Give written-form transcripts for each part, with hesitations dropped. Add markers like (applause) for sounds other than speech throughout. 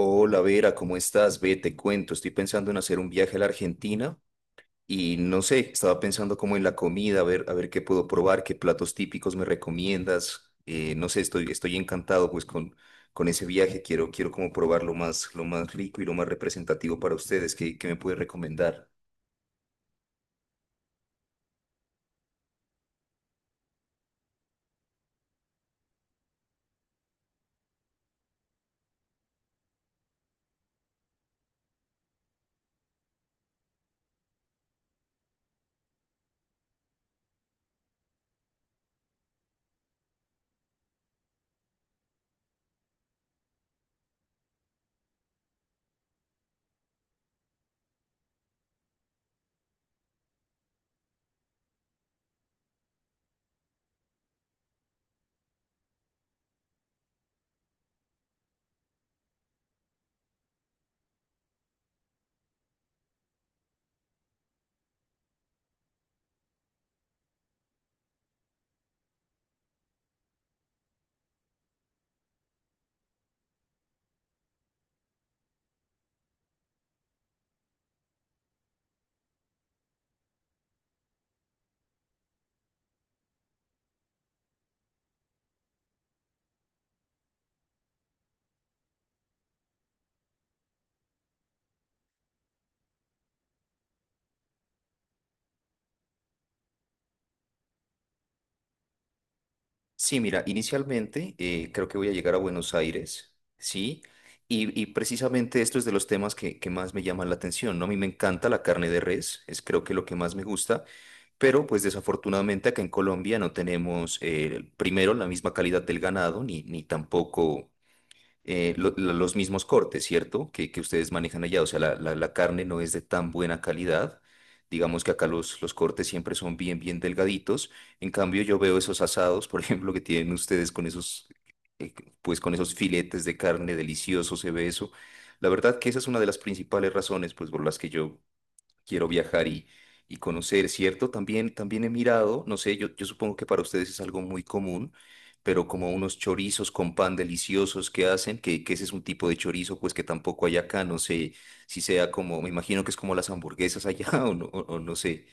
Hola Vera, ¿cómo estás? Ve, te cuento, estoy pensando en hacer un viaje a la Argentina y no sé, estaba pensando como en la comida, a ver qué puedo probar, qué platos típicos me recomiendas. No sé, estoy encantado pues con ese viaje, quiero como probar lo más rico y lo más representativo para ustedes. ¿Qué me puedes recomendar? Sí, mira, inicialmente creo que voy a llegar a Buenos Aires, ¿sí? Y precisamente esto es de los temas que más me llaman la atención, ¿no? A mí me encanta la carne de res, es creo que lo que más me gusta, pero pues desafortunadamente acá en Colombia no tenemos primero la misma calidad del ganado, ni tampoco los mismos cortes, ¿cierto? Que ustedes manejan allá. O sea, la carne no es de tan buena calidad. Digamos que acá los cortes siempre son bien, bien delgaditos. En cambio, yo veo esos asados, por (laughs) ejemplo, que tienen ustedes con esos, eh, pues con esos filetes de carne delicioso, se ve eso. La verdad que esa es una de las principales razones, pues, por las que yo quiero viajar y conocer, ¿cierto? También, también he mirado, no sé, yo supongo que para ustedes es algo muy común, pero como unos chorizos con pan deliciosos que hacen, que ese es un tipo de chorizo, pues que tampoco hay acá, no sé si sea como, me imagino que es como las hamburguesas allá (laughs) o no, o no sé.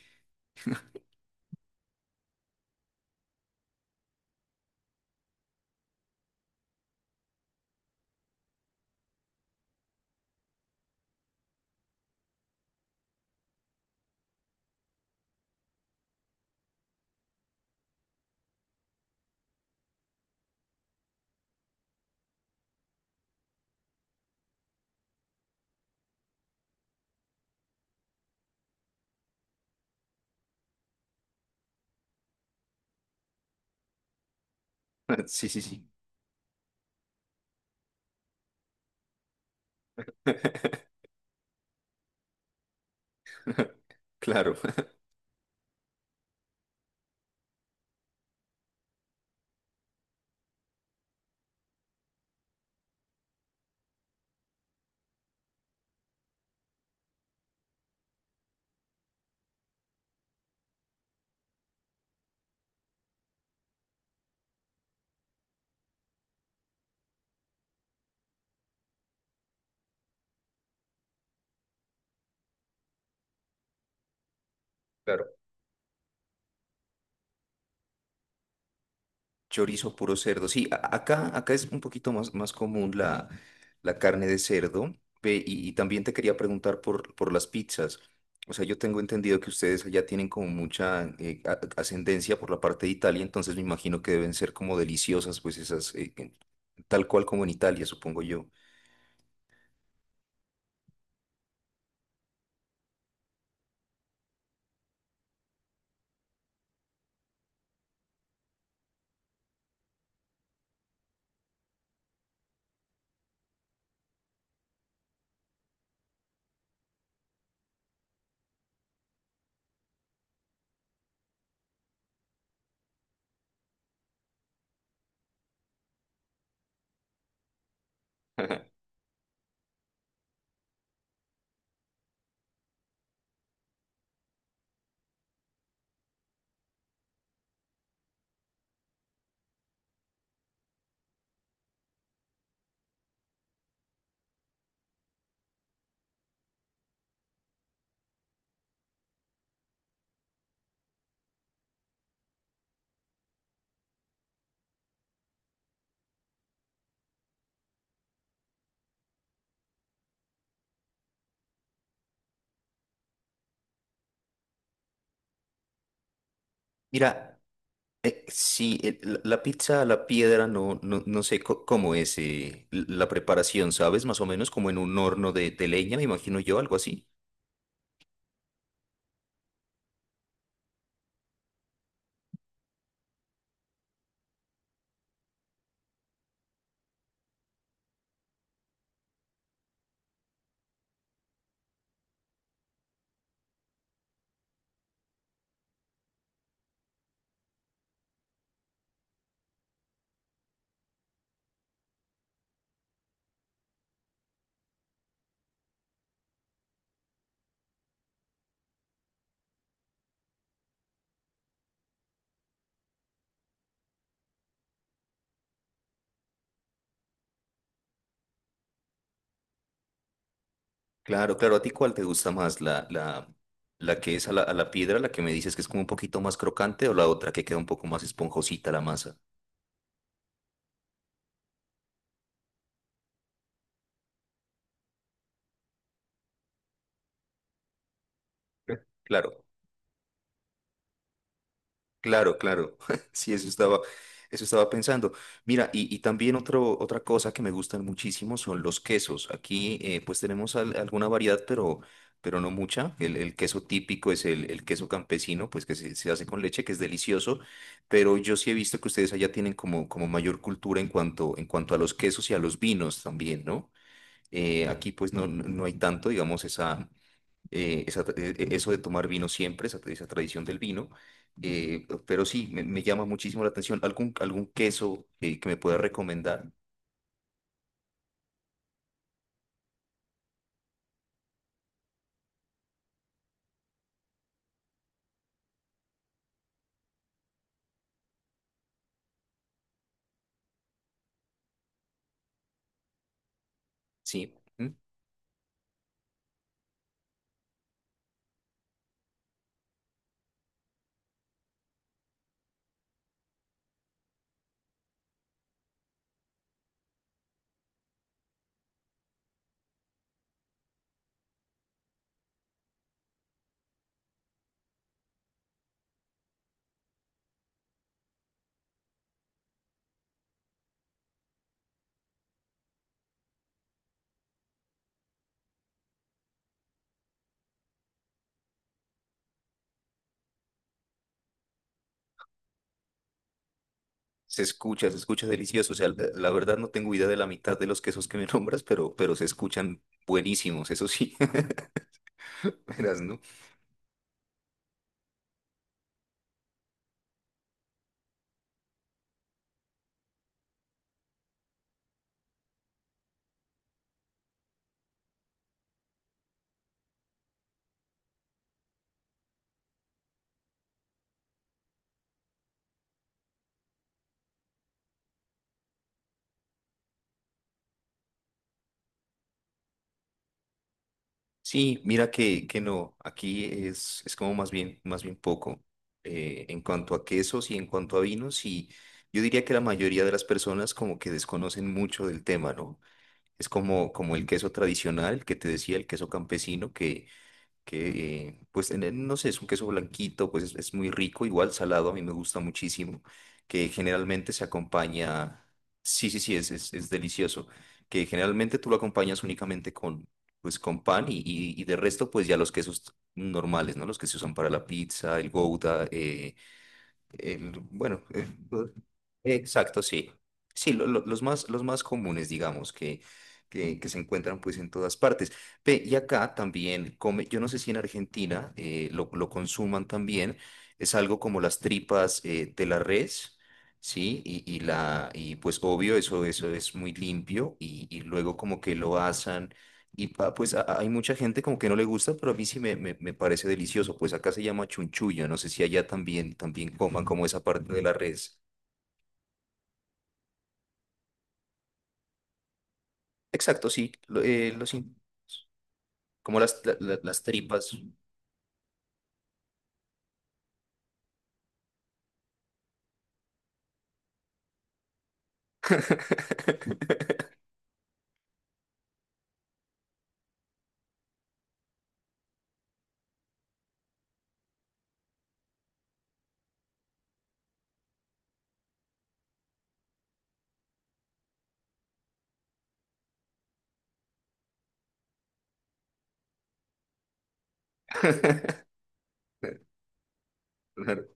(laughs) Sí, sí, sí. (laughs) Claro, (laughs) claro. Chorizo puro cerdo. Sí, acá acá es un poquito más, más común la carne de cerdo. Ve, y también te quería preguntar por las pizzas. O sea, yo tengo entendido que ustedes allá tienen como mucha ascendencia por la parte de Italia, entonces me imagino que deben ser como deliciosas, pues esas, tal cual como en Italia, supongo yo. (laughs) Mira, sí, la pizza a la piedra no, no, no sé cómo es la preparación, ¿sabes? Más o menos como en un horno de leña, me imagino yo, algo así. Claro, claro. ¿A ti cuál te gusta más? La que es a a la piedra, la que me dices que es como un poquito más crocante o la otra que queda un poco más esponjosita la masa? Eh, Claro. Claro, claro. (laughs) Sí, eso estaba pensando. Mira, y también otra cosa que me gustan muchísimo son los quesos. Aquí pues tenemos alguna variedad, pero no mucha. El queso típico es el queso campesino, pues que se hace con leche, que es delicioso. Pero yo sí he visto que ustedes allá tienen como, como mayor cultura en cuanto a los quesos y a los vinos también, ¿no? Aquí pues no, no no hay tanto, digamos, esa esa tra- e- e- eso de tomar vino siempre, esa tradición del vino. Eh, pero sí, me llama muchísimo la atención. ¿Algún, algún queso que me pueda recomendar? Sí. ¿Mm? Se escucha delicioso. O sea, la verdad no tengo idea de la mitad de los quesos que me (laughs) nombras, pero se escuchan buenísimos, eso sí. (laughs) Verás, ¿no? Sí, mira que no, aquí es como más bien poco en cuanto a quesos y en cuanto a vinos y yo diría que la mayoría de las personas como que desconocen mucho del tema, ¿no? Es como, como el queso tradicional que te decía, el queso campesino, que pues no sé, es un queso blanquito, pues es muy rico, igual salado, a mí me gusta muchísimo, que generalmente se acompaña, sí, sí, sí, es delicioso, que generalmente tú lo acompañas únicamente con, pues con pan y de resto pues ya los quesos normales, ¿no? Los que se usan para la pizza, el gouda, bueno, exacto, sí. Sí, los más comunes, digamos, que se encuentran pues en todas partes. Ve, y acá también come, yo no sé si en Argentina lo consuman también, es algo como las tripas de la res, ¿sí? Y pues obvio, eso es muy limpio y luego como que lo asan y hay mucha gente como que no le gusta, pero a mí sí me parece delicioso. Pues acá se llama chunchullo. No sé si allá también, también coman como esa parte de la res. Exacto, sí. Como las, las tripas. (laughs) Claro.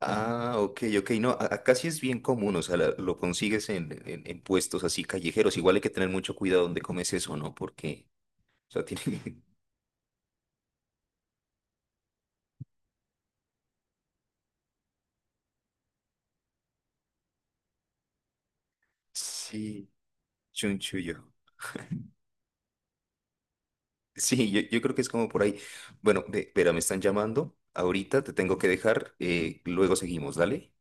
Ah, ok, ok. No, acá sí es bien común. O sea, lo consigues en puestos así callejeros. Igual hay que tener mucho cuidado donde comes eso, ¿no? Porque, o sea, tiene... (laughs) Sí, chunchullo. Sí, yo creo que es como por ahí. Bueno, espera, me están llamando. Ahorita te tengo que dejar. Eh, luego seguimos, dale.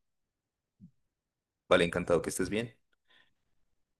Vale, encantado que estés bien.